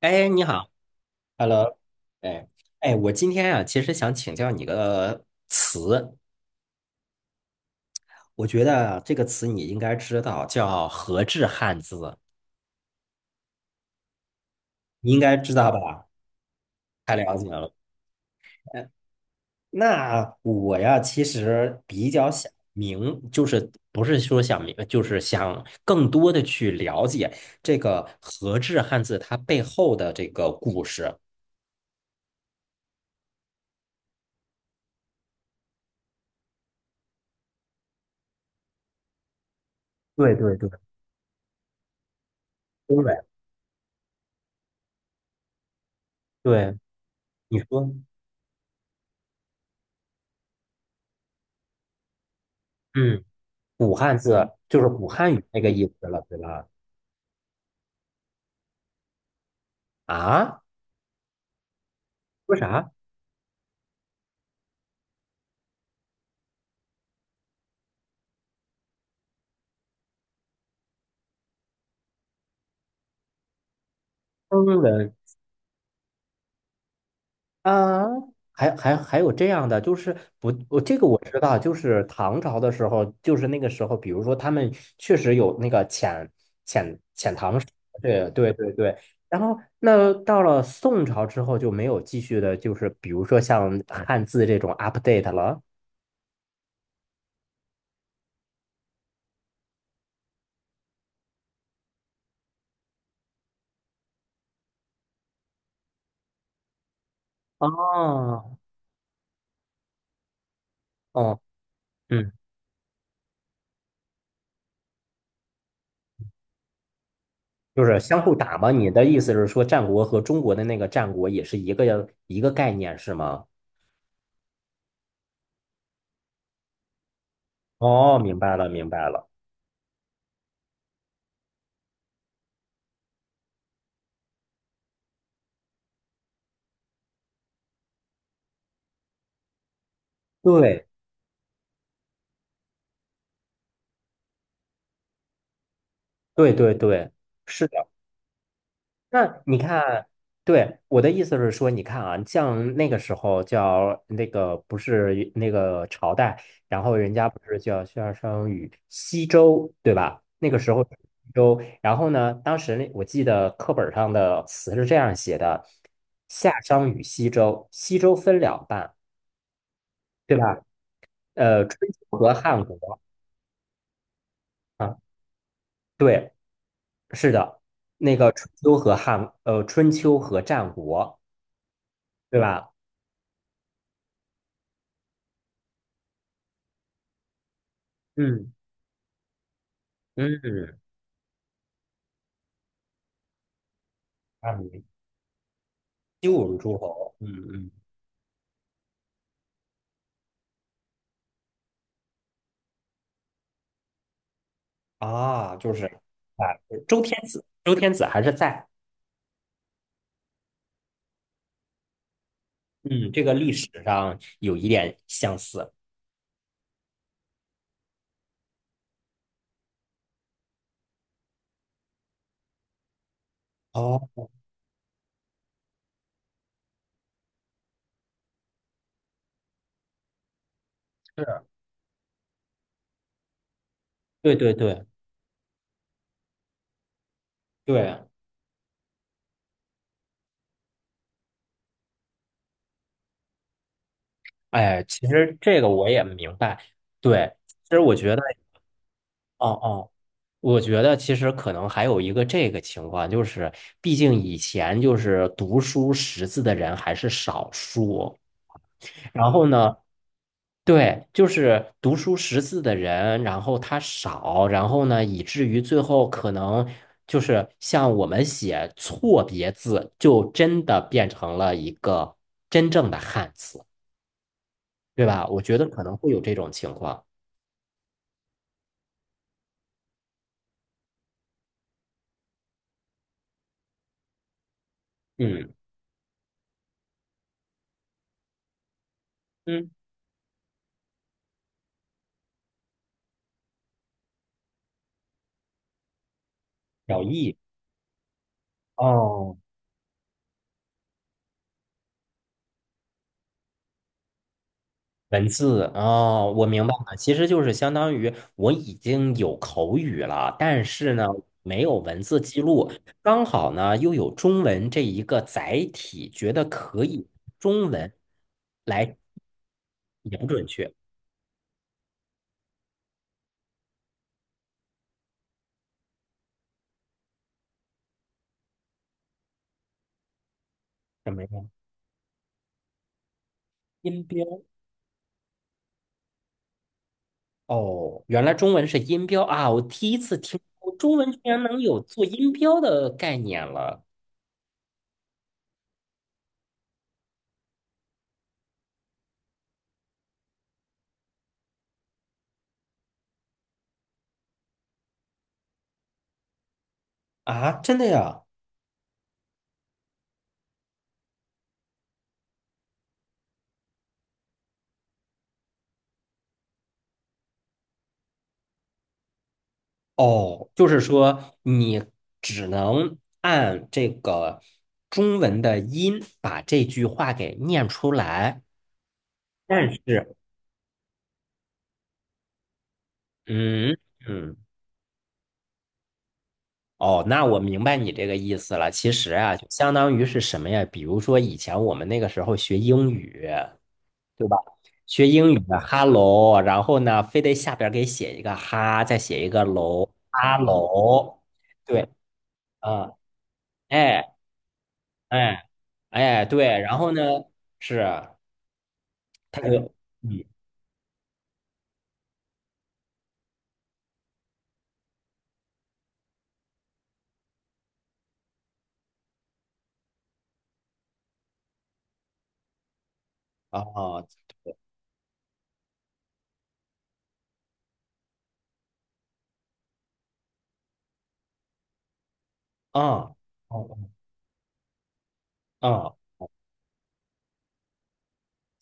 哎，你好。 Hello，哎，哎，我今天啊，其实想请教你个词，我觉得这个词你应该知道，叫和制汉字，你应该知道吧？太了解了。哎，那我呀，其实比较想明，就是不是说想明，就是想更多的去了解这个和制汉字它背后的这个故事。对对对，对对，你说。嗯。古汉字就是古汉语那个意思了，对吧？啊，说啥？嗯人啊，还有这样的，就是不，我这个我知道，就是唐朝的时候，就是那个时候，比如说他们确实有那个遣唐使，对对对对。然后那到了宋朝之后就没有继续的，就是比如说像汉字这种 update 了。哦，哦，嗯。就是相互打吗？你的意思是说，战国和中国的那个战国也是一个概念，是吗？哦，明白了，明白了。对，对，对，对，是的。那你看，对，我的意思是说，你看啊，像那个时候叫那个不是那个朝代，然后人家不是叫夏商与西周，对吧？那个时候是西周，然后呢，当时那我记得课本上的词是这样写的：夏商与西周，西周分两半。对吧？春秋和汉国啊，对，是的，那个春秋和汉，春秋和战国，对吧？嗯嗯，啊，你七五诸侯，嗯嗯，啊，就是啊，周天子，周天子还是在，嗯，这个历史上有一点相似。哦，是，对对对对，哎，其实这个我也明白，对，其实我觉得，哦哦。我觉得其实可能还有一个这个情况，就是毕竟以前就是读书识字的人还是少数，然后呢，对，就是读书识字的人，然后他少，然后呢，以至于最后可能就是像我们写错别字，就真的变成了一个真正的汉字，对吧？我觉得可能会有这种情况。嗯嗯，小易。哦，文字哦，我明白了，其实就是相当于我已经有口语了，但是呢，没有文字记录，刚好呢又有中文这一个载体，觉得可以中文来也不准确，什么呀？音标哦，原来中文是音标啊，我第一次听说中文居然能有做音标的概念了。啊，真的呀？哦，就是说你只能按这个中文的音把这句话给念出来，但是，嗯嗯，哦，那我明白你这个意思了。其实啊，就相当于是什么呀？比如说以前我们那个时候学英语，对吧？学英语的 hello，然后呢，非得下边儿给写一个哈，再写一个楼，hello，对，啊，哎哎哎，对，然后呢是。它有嗯啊啊哦啊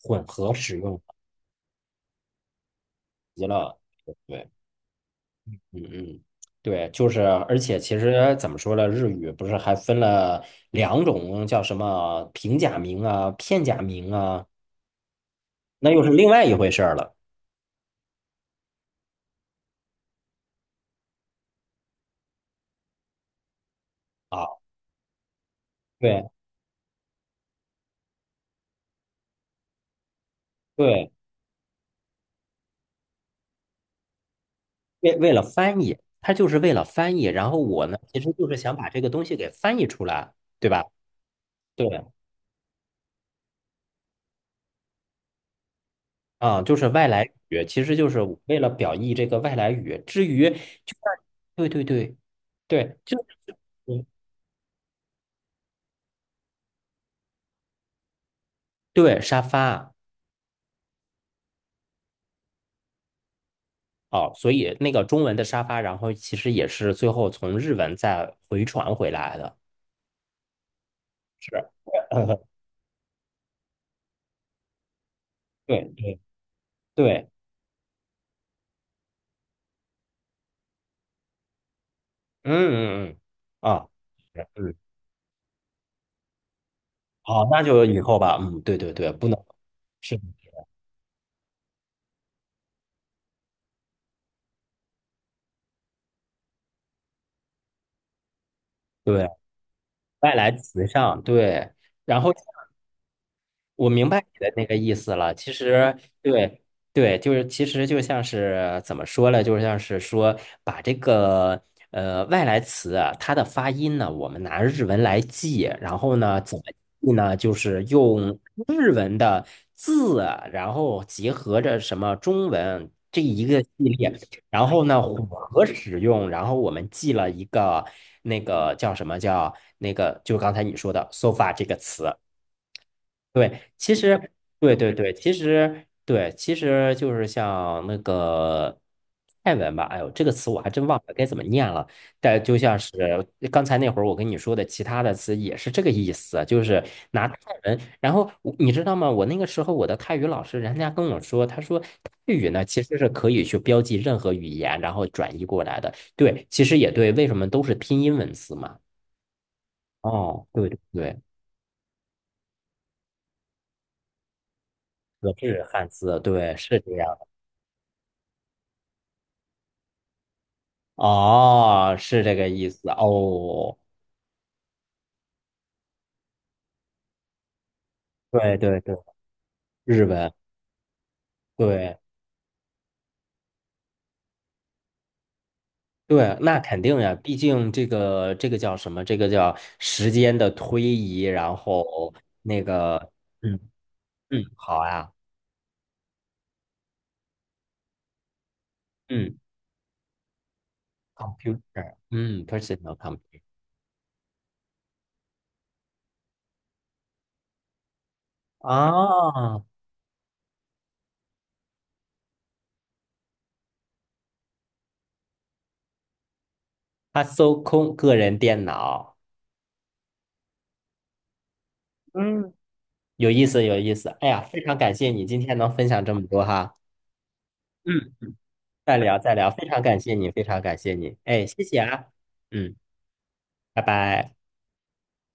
混合使用极了，对，嗯嗯。对，就是，而且其实怎么说呢，日语不是还分了两种，叫什么平假名啊、片假名啊，那又是另外一回事儿了啊。对对，为了翻译，它就是为了翻译。然后我呢，其实就是想把这个东西给翻译出来，对吧？对啊，就是外来语，其实就是为了表意这个外来语。至于就像对对对对，就是对沙发哦，所以那个中文的沙发，然后其实也是最后从日文再回传回来的。是，对对对，嗯嗯嗯，啊，是嗯，好，那就以后吧，嗯，对对对，不能是，对，外来词上，对，然后。我明白你的那个意思了。其实，对对，就是其实就像是怎么说呢？就像是说把这个外来词啊它的发音呢，我们拿日文来记，然后呢怎么记呢？就是用日文的字啊，然后结合着什么中文这一个系列，然后呢混合使用，然后我们记了一个那个叫什么叫那个，就刚才你说的 “sofa” 这个词。对，其实，对对对，其实对，其实就是像那个泰文吧，哎呦，这个词我还真忘了该怎么念了。但就像是刚才那会儿我跟你说的，其他的词也是这个意思，就是拿泰文。然后我你知道吗？我那个时候我的泰语老师，人家跟我说，他说泰语呢其实是可以去标记任何语言，然后转译过来的。对，其实也对，为什么都是拼音文字嘛？哦，对对对，格致汉字，对，是这样。哦，是这个意思哦。对对对，日文，对对，那肯定呀，毕竟这个叫什么？这个叫时间的推移，然后那个，嗯嗯，好呀，嗯，computer，嗯，personal computer，啊，他搜空个人电脑，嗯，有意思有意思。哎呀，非常感谢你今天能分享这么多哈，嗯，再聊再聊，非常感谢你，非常感谢你，哎，谢谢啊。嗯。拜拜。